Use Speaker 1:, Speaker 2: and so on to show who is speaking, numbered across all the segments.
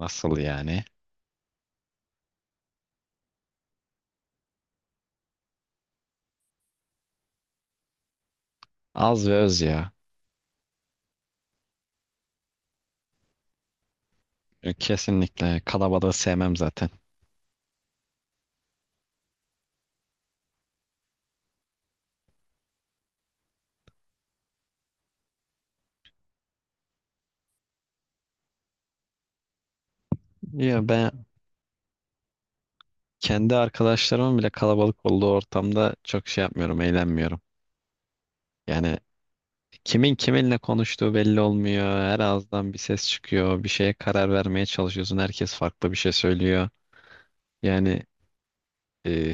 Speaker 1: Nasıl yani? Az ve öz ya. Kesinlikle kalabalığı sevmem zaten. Ya ben kendi arkadaşlarımın bile kalabalık olduğu ortamda çok şey yapmıyorum, eğlenmiyorum. Yani kimin kiminle konuştuğu belli olmuyor. Her ağızdan bir ses çıkıyor. Bir şeye karar vermeye çalışıyorsun. Herkes farklı bir şey söylüyor. Yani e,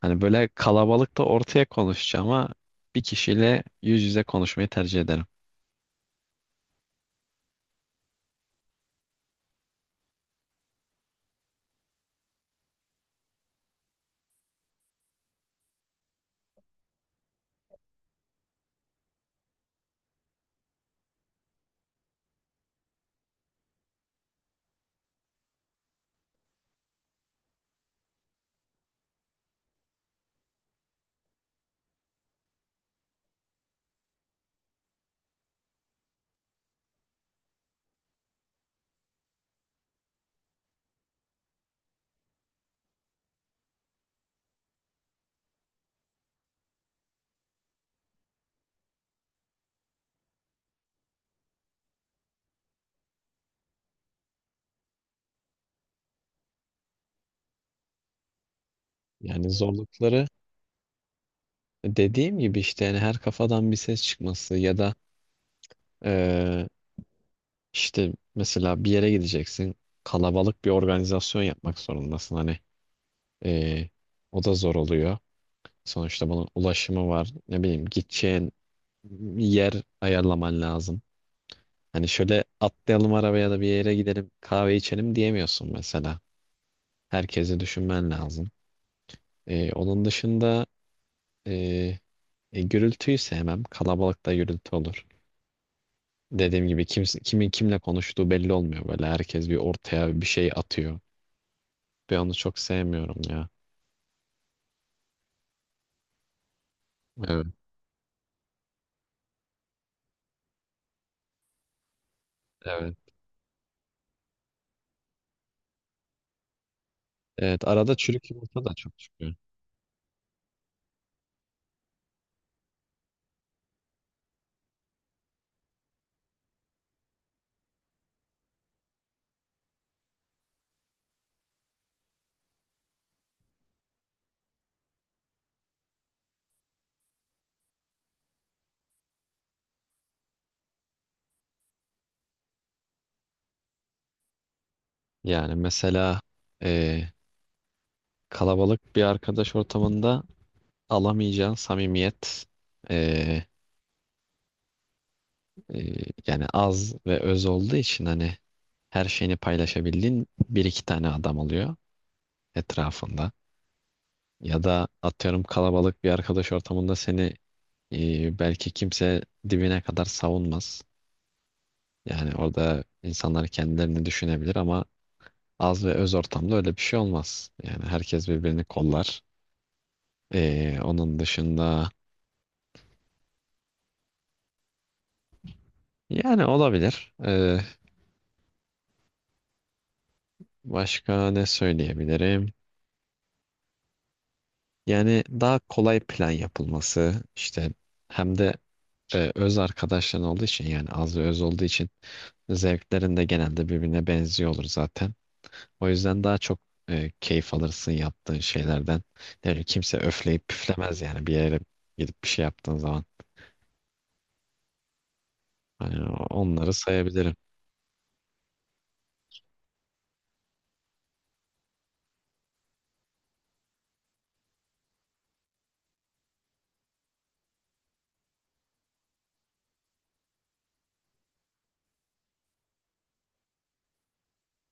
Speaker 1: hani böyle kalabalıkta ortaya konuşacağım ama bir kişiyle yüz yüze konuşmayı tercih ederim. Yani zorlukları, dediğim gibi işte yani, her kafadan bir ses çıkması ya da eee, işte mesela bir yere gideceksin, kalabalık bir organizasyon yapmak zorundasın hani, eee, o da zor oluyor. Sonuçta bunun ulaşımı var, ne bileyim gideceğin yer ayarlaman lazım. Hani şöyle atlayalım arabaya da bir yere gidelim kahve içelim diyemiyorsun mesela. Herkesi düşünmen lazım. Onun dışında, eee gürültüyü sevmem, kalabalıkta gürültü olur. Dediğim gibi kimse, kimin kimle konuştuğu belli olmuyor böyle. Herkes bir ortaya bir şey atıyor. Ve onu çok sevmiyorum ya. Evet, evet. Evet, arada çürük yumurta da çok çıkıyor. Yani mesela eee, kalabalık bir arkadaş ortamında alamayacağın samimiyet, eee, yani az ve öz olduğu için, hani her şeyini paylaşabildiğin bir iki tane adam oluyor etrafında. Ya da atıyorum, kalabalık bir arkadaş ortamında seni belki kimse dibine kadar savunmaz. Yani orada insanlar kendilerini düşünebilir, ama az ve öz ortamda öyle bir şey olmaz. Yani herkes birbirini kollar. Onun dışında, yani olabilir. Başka ne söyleyebilirim? Yani daha kolay plan yapılması işte, hem de öz arkadaşların olduğu için, yani az ve öz olduğu için zevklerin de genelde birbirine benziyor olur zaten. O yüzden daha çok keyif alırsın yaptığın şeylerden. Yani kimse öfleyip püflemez yani, bir yere gidip bir şey yaptığın zaman. Hani onları sayabilirim.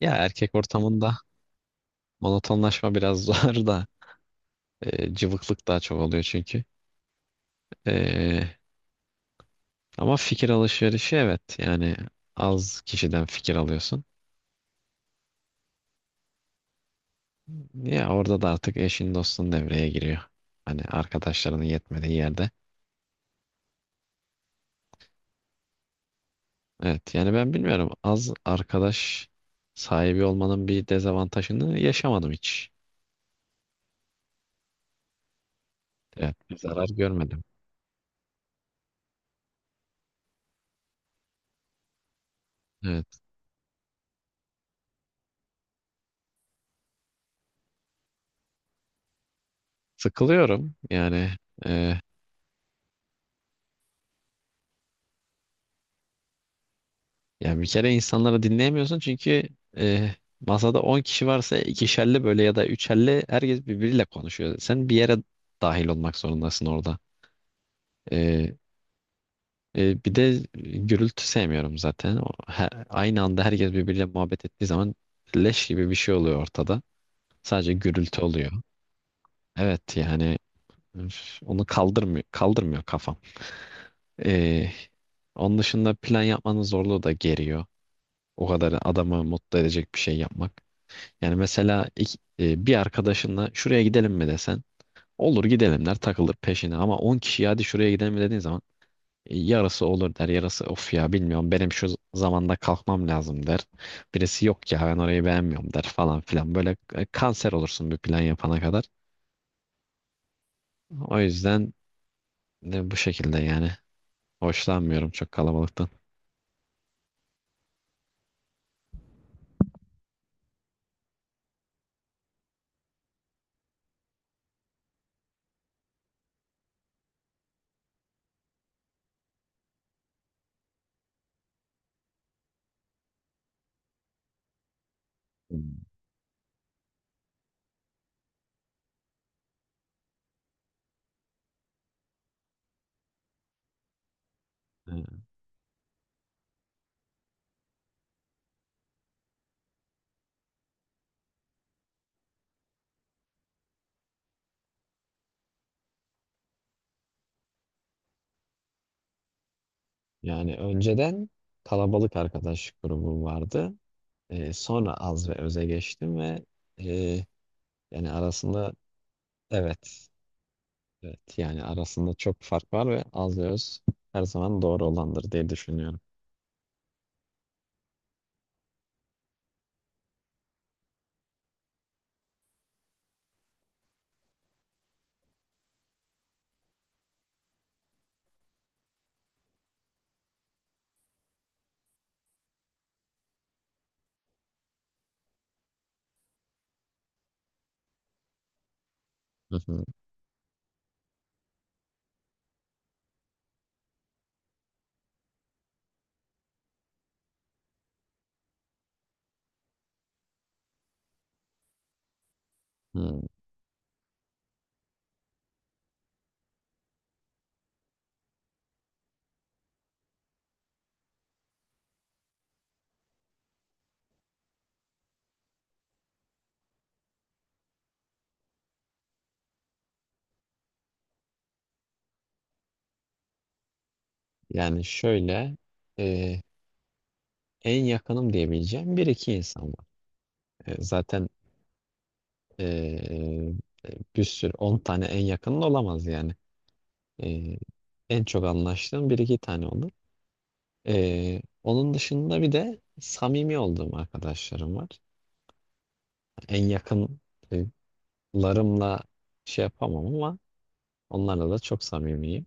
Speaker 1: Ya erkek ortamında monotonlaşma biraz zor da, cıvıklık daha çok oluyor çünkü. E, ama fikir alışverişi, evet yani az kişiden fikir alıyorsun. Ya orada da artık eşin dostun devreye giriyor. Hani arkadaşlarının yetmediği yerde. Evet yani, ben bilmiyorum, az arkadaş sahibi olmanın bir dezavantajını yaşamadım hiç. Evet, bir zarar görmedim. Evet, sıkılıyorum yani. e, Yani bir kere insanları dinleyemiyorsun çünkü e, masada 10 kişi varsa, ikişerli böyle ya da üçerli, herkes birbiriyle konuşuyor. Sen bir yere dahil olmak zorundasın orada. E, bir de gürültü sevmiyorum zaten. Aynı anda herkes birbiriyle muhabbet ettiği zaman, leş gibi bir şey oluyor ortada. Sadece gürültü oluyor. Evet yani, üf, onu kaldırmıyor kafam. Ee, onun dışında, plan yapmanın zorluğu da geriyor. O kadar adamı mutlu edecek bir şey yapmak. Yani mesela bir arkadaşınla şuraya gidelim mi desen, olur gidelim der takılır peşine, ama 10 kişi hadi şuraya gidelim mi dediğin zaman, yarısı olur der, yarısı of ya bilmiyorum benim şu zamanda kalkmam lazım der. Birisi yok ya ben orayı beğenmiyorum der falan filan, böyle kanser olursun bir plan yapana kadar. O yüzden bu şekilde yani. Hoşlanmıyorum çok kalabalıktan. Hmm. Ee, Yani önceden kalabalık arkadaş grubum vardı. Sonra az ve öze geçtim ve, e, yani arasında, evet, evet yani arasında çok fark var ve az ve öz her zaman doğru olandır diye düşünüyorum. Hı hı. Hmm. Yani şöyle, e, en yakınım diyebileceğim bir iki insan var. Zaten e, bir sürü 10 tane en yakının olamaz yani. E, En çok anlaştığım bir iki tane olur. Onun dışında bir de samimi olduğum arkadaşlarım var. En yakınlarımla şey yapamam ama onlarla da çok samimiyim.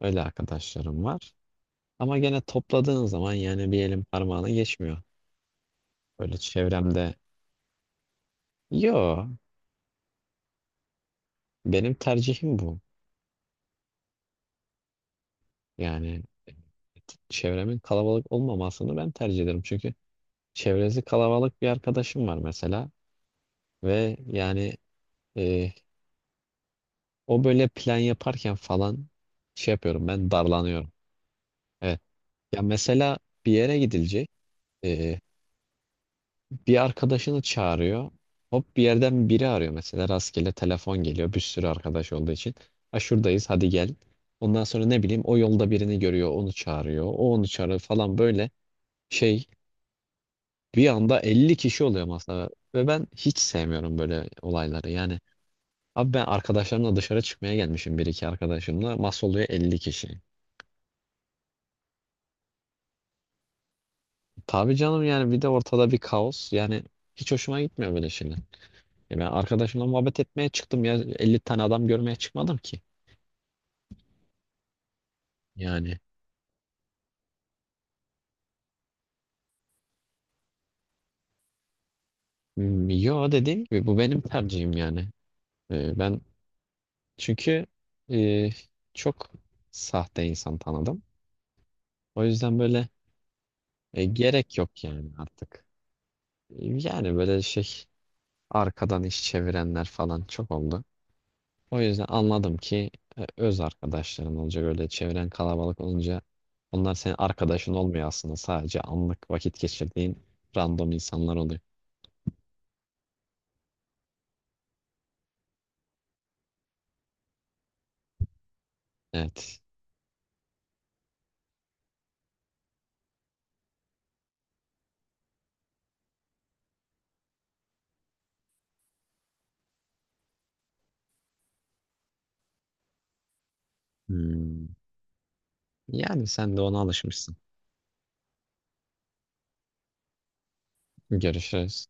Speaker 1: Öyle arkadaşlarım var. Ama gene topladığın zaman yani bir elin parmağını geçmiyor. Böyle çevremde. Yo, benim tercihim bu. Yani e, çevremin kalabalık olmamasını ben tercih ederim. Çünkü çevresi kalabalık bir arkadaşım var mesela, ve yani e, o böyle plan yaparken falan, şey yapıyorum, ben darlanıyorum. Evet. Ya mesela bir yere gidilecek. e, bir arkadaşını çağırıyor. Hop bir yerden biri arıyor mesela, rastgele telefon geliyor bir sürü arkadaş olduğu için. Ha, şuradayız hadi gel. Ondan sonra ne bileyim o yolda birini görüyor onu çağırıyor. O onu çağırıyor falan, böyle şey, bir anda 50 kişi oluyor masada. Ve ben hiç sevmiyorum böyle olayları yani. Abi ben arkadaşlarımla dışarı çıkmaya gelmişim, bir iki arkadaşımla. Masa oluyor 50 kişi. Tabii canım yani, bir de ortada bir kaos. Yani hiç hoşuma gitmiyor böyle şeyler. Ben arkadaşımla muhabbet etmeye çıktım ya, 50 tane adam görmeye çıkmadım ki. Yani yo, dediğim gibi bu benim tercihim yani. Ben çünkü e, çok sahte insan tanıdım. O yüzden böyle gerek yok yani artık. Yani böyle şey, arkadan iş çevirenler falan çok oldu. O yüzden anladım ki, öz arkadaşların olacak, öyle çevren kalabalık olunca onlar senin arkadaşın olmuyor aslında, sadece anlık vakit geçirdiğin random insanlar oluyor. Evet. Hmm. Yani sen de ona alışmışsın. Görüşürüz.